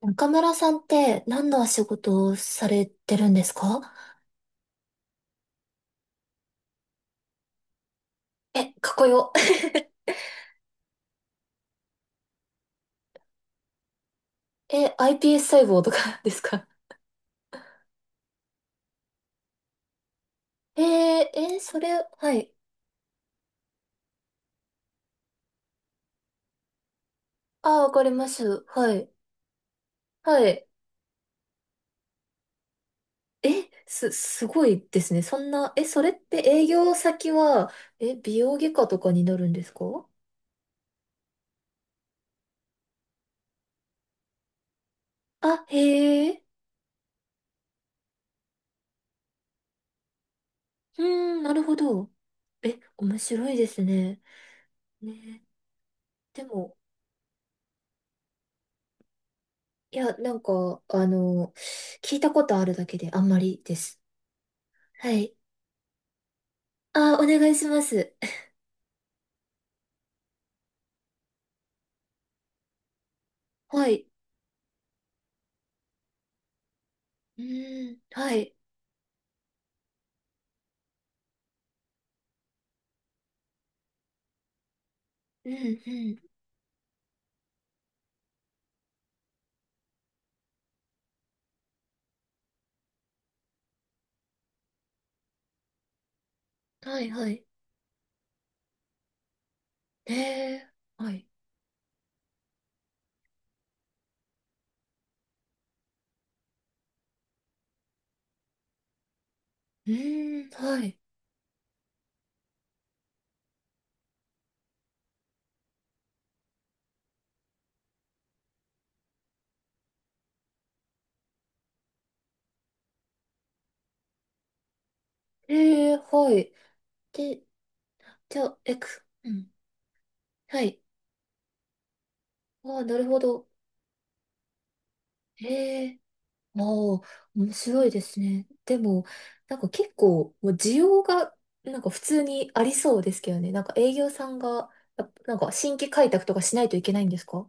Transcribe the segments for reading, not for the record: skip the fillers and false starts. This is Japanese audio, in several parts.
中村さんって何のお仕事をされてるんですか？え、かっこよ。え、iPS 細胞とかですか？えー、え、はい。ああ、わかります。はい。はい。え、すごいですね。そんな、それって営業先は、美容外科とかになるんですか？あ、へえ。うーん、なるほど。え、面白いですね。ね。でも、いや、なんか、聞いたことあるだけであんまりです。はい。あ、お願いします。はい。うーん、はい。うん、うん。はい、はい。ええ、はい。うーん、はい。ええ、はい。で、じゃあ、うん。はい。ああ、なるほど。ええ、ああ、面白いですね。でも、なんか結構、もう需要が、なんか普通にありそうですけどね。なんか営業さんが、やっぱなんか新規開拓とかしないといけないんですか？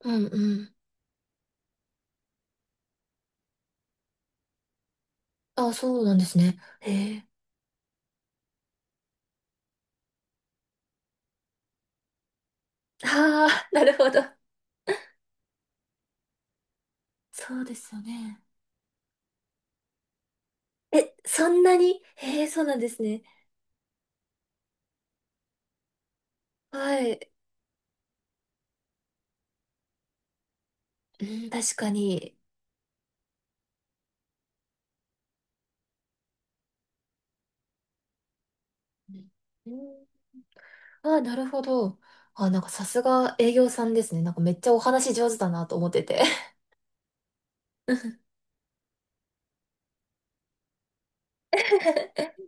うん、うん。ああ、そうなんですね。ええ。ああー、なるほど。そうですよね。え、そんなにへえ、そうなんですね。はい。うん、確かに。うん、あ、なるほど。あ、なんかさすが営業さんですね。なんかめっちゃお話上手だなと思ってて。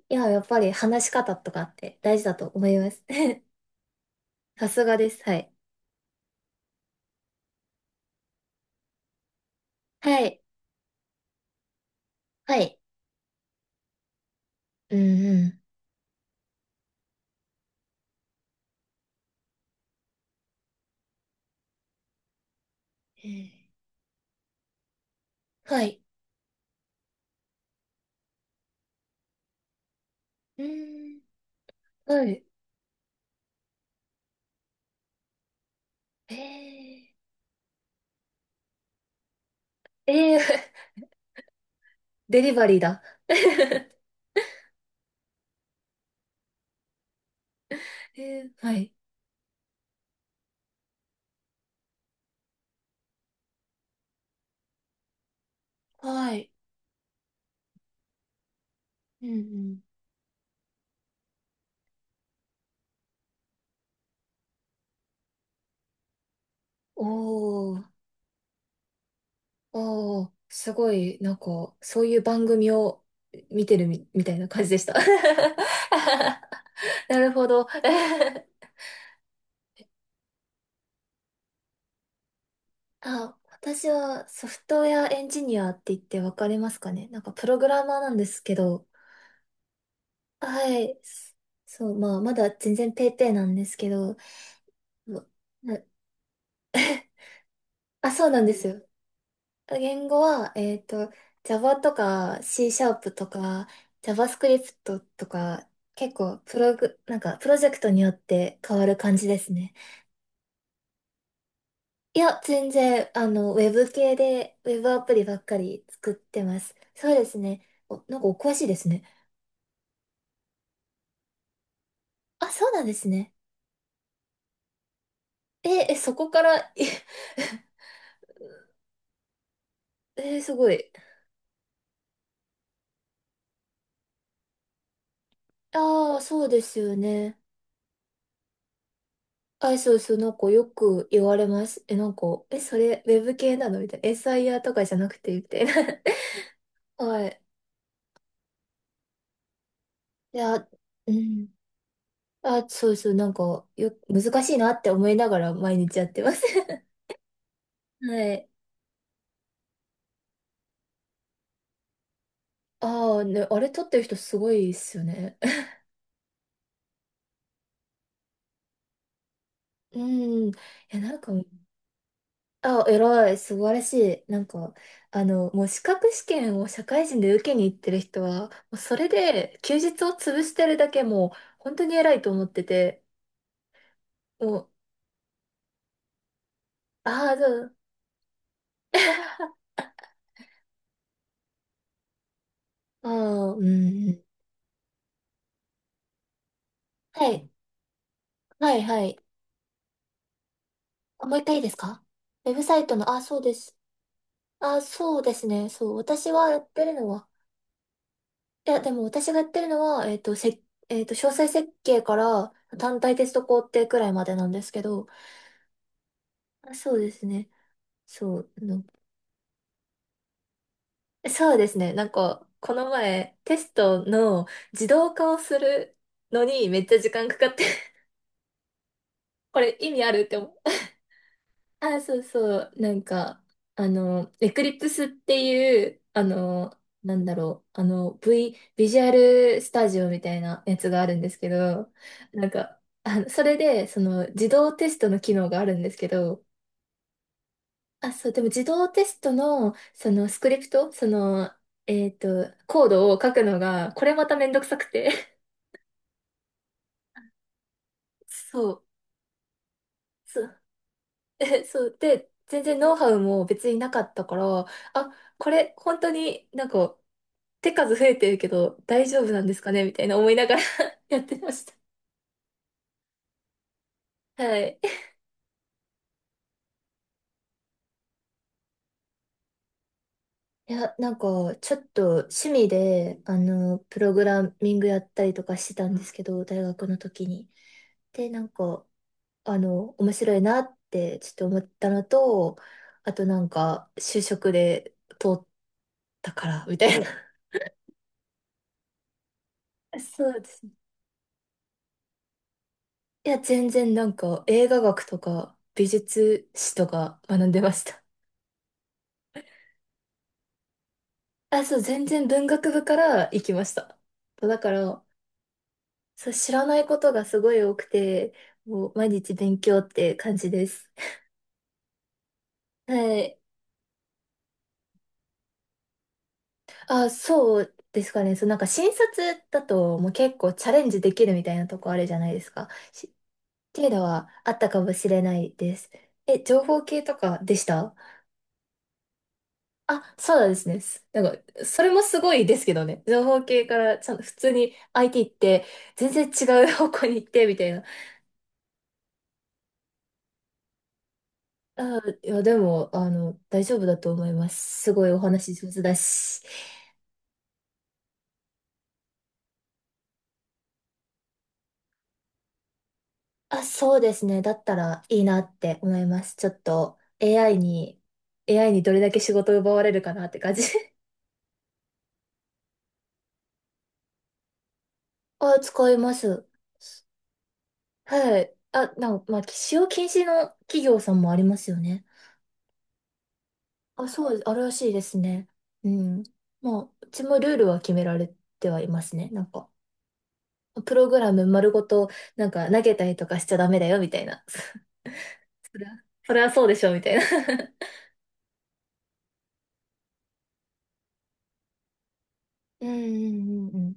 いや、やっぱり話し方とかって大事だと思います。さすがです。はい。はい。はい。うんうん。えーはい。うん。はい。えー、えー、デリバリーだ。えー、はい。はい。うんうん。おー、おー、すごい、なんか、そういう番組を見てるみたいな感じでした。なるほど。あ、私はソフトウェアエンジニアって言ってわかりますかね？なんかプログラマーなんですけど、はい。そう、まあ、まだ全然ペーペーなんですけど、まなあ、そうなんですよ。言語は、Java とか C シャープとか JavaScript とか結構プログ、なんかプロジェクトによって変わる感じですね。いや、全然、ウェブ系でウェブアプリばっかり作ってます。そうですね。お、なんかお詳しいですね。あ、そうなんですね。え、そこから、えすごい。ああ、そうですよね。あ、そうそう、なんかよく言われます。なんか、それ、ウェブ系なのみたいな。SIR とかじゃなくて、みたいな。はい。いや、うん。あ、そうそう、なんか、難しいなって思いながら毎日やってます。はい。ああ、ね、あれ撮ってる人すごいっすよね。うん。いや、なんか、あ、偉い、素晴らしい。なんか、もう資格試験を社会人で受けに行ってる人は、もうそれで休日を潰してるだけもう、本当に偉いと思ってて、もう、ああ、そう。ああ、うん。はい。はい、はい。あもう一回いいですか？ウェブサイトの、あ、そうです。あ、そうですね。そう。私はやってるのは、いや、でも私がやってるのは、えっと、せ、えっと、詳細設計から単体テスト工程くらいまでなんですけど、あ、そうですね。そう。そうですね。なんか、この前、テストの自動化をするのにめっちゃ時間かかって これ意味あるって思う？あ、そうそう。なんか、エクリプスっていう、なんだろう、ビジュアルスタジオみたいなやつがあるんですけど、なんか、それで、自動テストの機能があるんですけど、あ、そう、でも自動テストの、スクリプト、コードを書くのが、これまためんどくさくて。そう、そう、そう、で、全然ノウハウも別になかったから、あ、これ、本当になんか、手数増えてるけど大丈夫なんですかねみたいな思いながら やってました。はい。いや、なんか、ちょっと趣味で、プログラミングやったりとかしてたんですけど、大学の時に。で、なんか、面白いなって、ちょっと思ったのと、あとなんか、就職で通ったから、みたいな。そうですね。いや、全然なんか、映画学とか、美術史とか学んでました。あ、そう、全然文学部から行きました。だから、そう、知らないことがすごい多くて、もう毎日勉強って感じです。はい。あ、そうですかね。そう、なんか新卒だともう結構チャレンジできるみたいなとこあるじゃないですか。しっていうのはあったかもしれないです。え、情報系とかでした？あ、そうなんですね。なんか、それもすごいですけどね。情報系からちゃんと普通に IT って全然違う方向に行ってみたいな。あ、いや、でも、大丈夫だと思います。すごいお話上手だし。あ、そうですね。だったらいいなって思います。ちょっと AI に、AI にどれだけ仕事を奪われるかなって感じ。あ、使います。はい。あ、なんか、まあ、使用禁止の企業さんもありますよね。あ、そう、あるらしいですね。うん。まあ、うちもルールは決められてはいますね。なんか、プログラム丸ごと、なんか投げたりとかしちゃダメだよ、みたいな。それはそれはそうでしょ、みたいな。うんうんうんうん。